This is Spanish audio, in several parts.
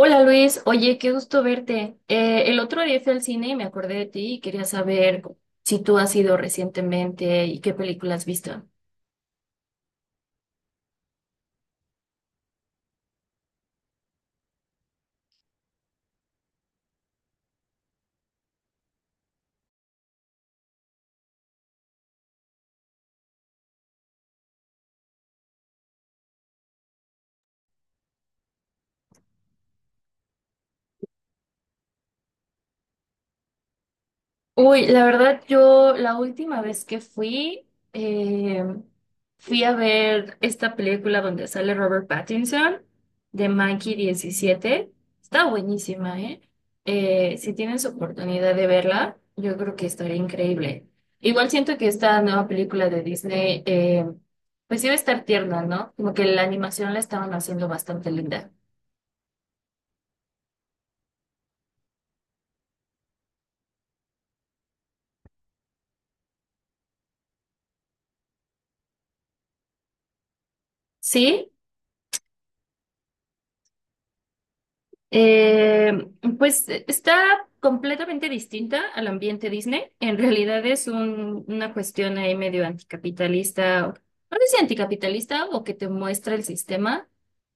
Hola Luis, oye, qué gusto verte. El otro día fui al cine y me acordé de ti y quería saber si tú has ido recientemente y qué película has visto. Uy, la verdad, yo la última vez que fui, eh, fui a ver esta película donde sale Robert Pattinson de Monkey 17. Está buenísima, ¿eh? Si tienes oportunidad de verla, yo creo que estaría increíble. Igual siento que esta nueva película de Disney, pues iba a estar tierna, ¿no? Como que la animación la estaban haciendo bastante linda. ¿Sí? Eh, pues, está completamente distinta al ambiente Disney. En realidad es una cuestión ahí medio anticapitalista, no sé si anticapitalista o que te muestra el sistema,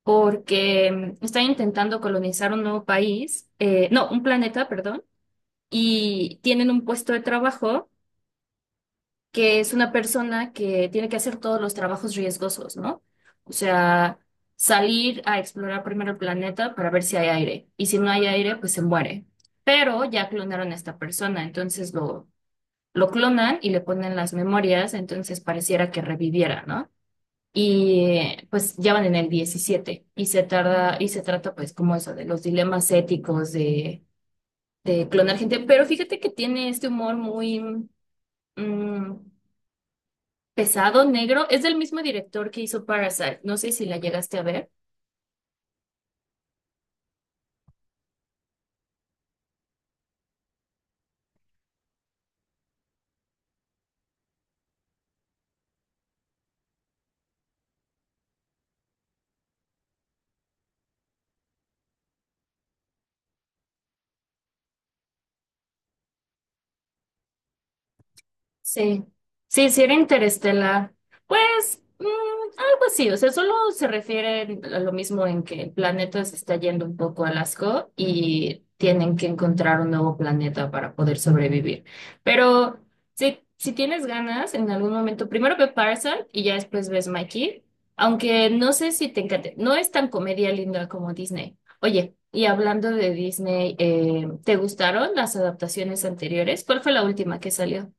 porque están intentando colonizar un nuevo país, no, un planeta, perdón, y tienen un puesto de trabajo que es una persona que tiene que hacer todos los trabajos riesgosos, ¿no? O sea, salir a explorar primero el planeta para ver si hay aire. Y si no hay aire, pues se muere. Pero ya clonaron a esta persona, entonces lo clonan y le ponen las memorias, entonces pareciera que reviviera, ¿no? Y pues ya van en el 17 y se tarda, y se trata pues como eso, de los dilemas éticos de clonar gente. Pero fíjate que tiene este humor muy mm, pesado, negro, es del mismo director que hizo Parasite. No sé si la llegaste a ver. Sí, sí, sí era interestelar. Pues algo así, o sea, solo se refiere a lo mismo en que el planeta se está yendo un poco a asco y tienen que encontrar un nuevo planeta para poder sobrevivir. Pero si tienes ganas, en algún momento, primero ve Parasite y ya después ves Mikey, aunque no sé si te encante, no es tan comedia linda como Disney. Oye, y hablando de Disney, ¿te gustaron las adaptaciones anteriores? ¿Cuál fue la última que salió?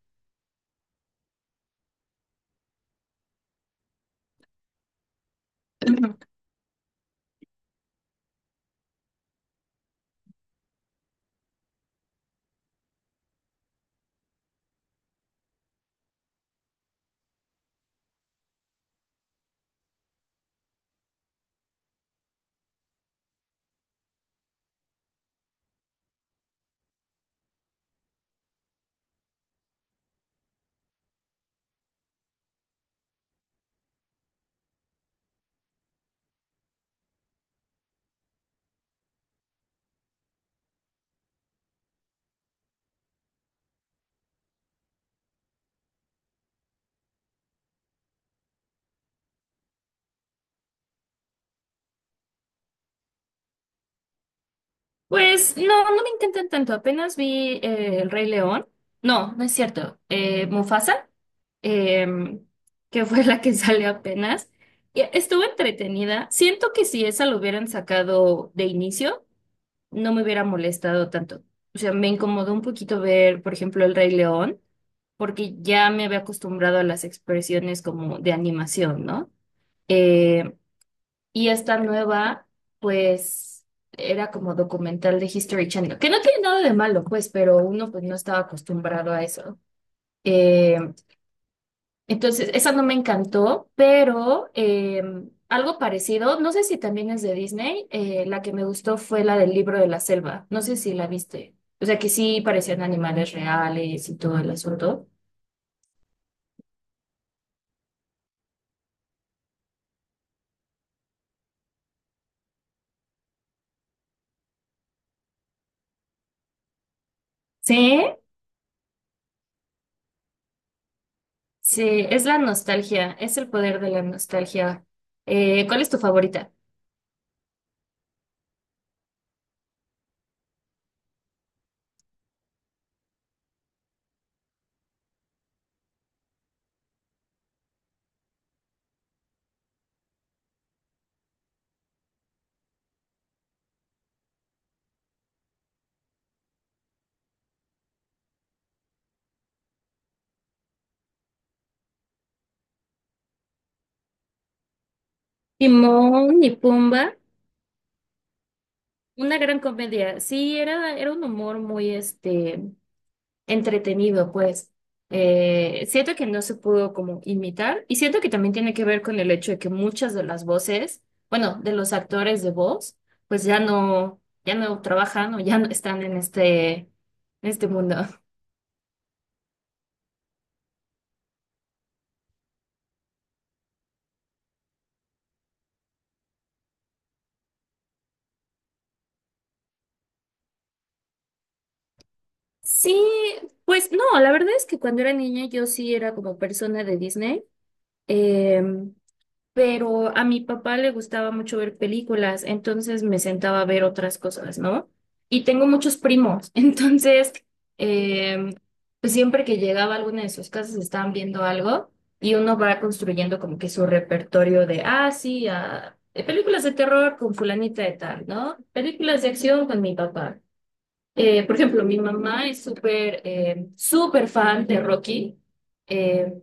Pues no, no me intentan tanto. Apenas vi El Rey León. No, no es cierto. Mufasa, em, que fue la que salió apenas. Y estuvo entretenida. Siento que si esa lo hubieran sacado de inicio, no me hubiera molestado tanto. O sea, me incomodó un poquito ver, por ejemplo, El Rey León, porque ya me había acostumbrado a las expresiones como de animación, ¿no? Eh, y esta nueva, pues, era como documental de History Channel, que no tiene nada de malo, pues, pero uno pues no estaba acostumbrado a eso. Eh, entonces, esa no me encantó, pero algo parecido, no sé si también es de Disney, la que me gustó fue la del libro de la selva, no sé si la viste. O sea, que sí parecían animales reales y todo el asunto. Sí, sí, es la nostalgia, es el poder de la nostalgia. ¿Cuál es tu favorita? Timón y Pumba, una gran comedia. Sí, era un humor muy este, entretenido, pues. Siento que no se pudo como imitar y siento que también tiene que ver con el hecho de que muchas de las voces, bueno, de los actores de voz, pues ya no trabajan o ya no están en en este mundo. Sí, pues no, la verdad es que cuando era niña yo sí era como persona de Disney. Em, pero a mi papá le gustaba mucho ver películas, entonces me sentaba a ver otras cosas, ¿no? Y tengo muchos primos, entonces, eh, pues siempre que llegaba a alguna de sus casas estaban viendo algo y uno va construyendo como que su repertorio de, ah, sí, ah, películas de terror con fulanita de tal, ¿no? Películas de acción con mi papá. Por ejemplo, mi mamá es súper, súper fan de Rocky. Eh,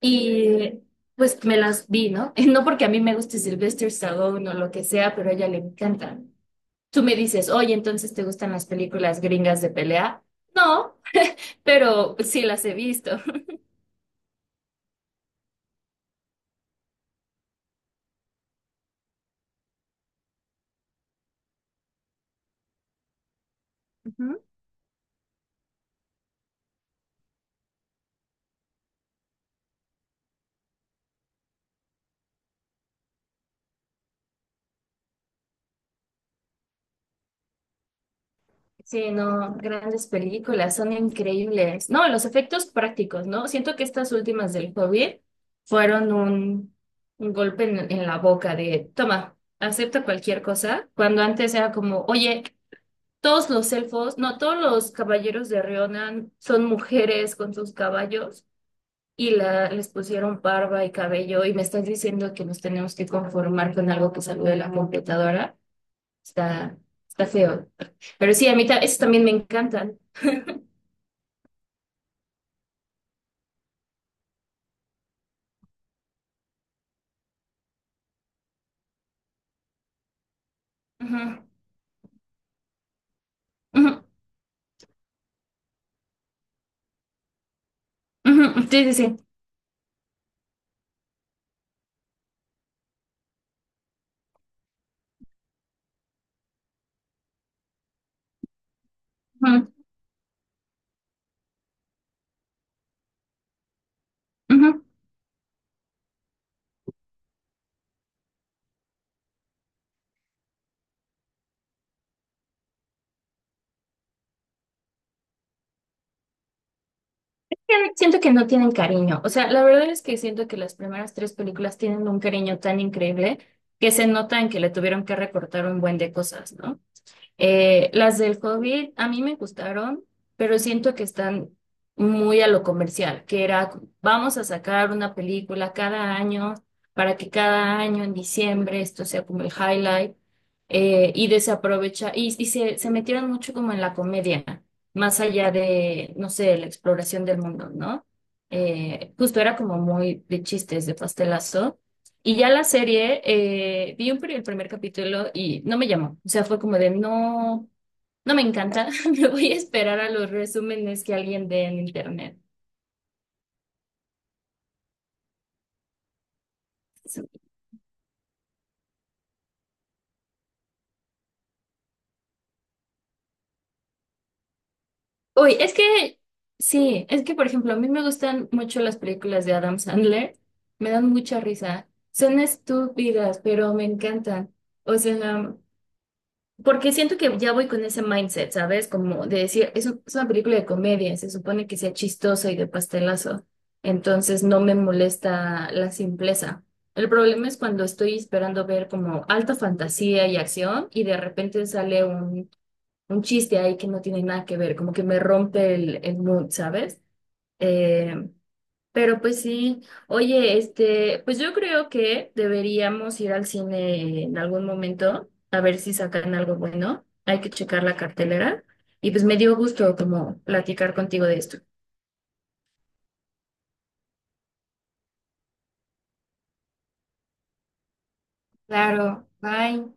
y pues me las vi, ¿no? No porque a mí me guste Sylvester Stallone o lo que sea, pero a ella le encanta. Tú me dices, oye, entonces ¿te gustan las películas gringas de pelea? No, pero sí las he visto. Ujú. Sí, no, grandes películas, son increíbles. No, los efectos prácticos, ¿no? Siento que estas últimas del COVID fueron un golpe en la boca de, toma, acepta cualquier cosa, cuando antes era como, oye, todos los elfos, no, todos los caballeros de Rionan son mujeres con sus caballos y les pusieron barba y cabello y me estás diciendo que nos tenemos que conformar con algo que salió de la computadora. Está, Está feo. Pero sí, esos también me encantan. Ujú, ujú, ujú, sí, sí, sí. Ujú, ujú. Siento que no tienen cariño. O sea, la verdad es que siento que las primeras tres películas tienen un cariño tan increíble que se notan que le tuvieron que recortar un buen de cosas, ¿no? Las del COVID a mí me gustaron, pero siento que están muy a lo comercial, que era, vamos a sacar una película cada año para que cada año en diciembre esto sea como el highlight. Y desaprovecha, y se metieron mucho como en la comedia, más allá de, no sé, la exploración del mundo, ¿no? Justo era como muy de chistes, de pastelazo. Y ya la serie, vi el primer capítulo y no me llamó. O sea, fue como de no, no me encanta, me voy a esperar a los resúmenes que alguien dé en internet. Uy, sí, es que, por ejemplo, a mí me gustan mucho las películas de Adam Sandler, me dan mucha risa. Son estúpidas, pero me encantan. O sea, porque siento que ya voy con ese mindset, ¿sabes? Como de decir, es una película de comedia, se supone que sea chistosa y de pastelazo, entonces no me molesta la simpleza. El problema es cuando estoy esperando ver como alta fantasía y acción y de repente sale un chiste ahí que no tiene nada que ver, como que me rompe el mood, ¿sabes? Eh, pero pues sí, oye, este, pues yo creo que deberíamos ir al cine en algún momento a ver si sacan algo bueno. Hay que checar la cartelera. Y pues me dio gusto como platicar contigo de esto. Claro, bye.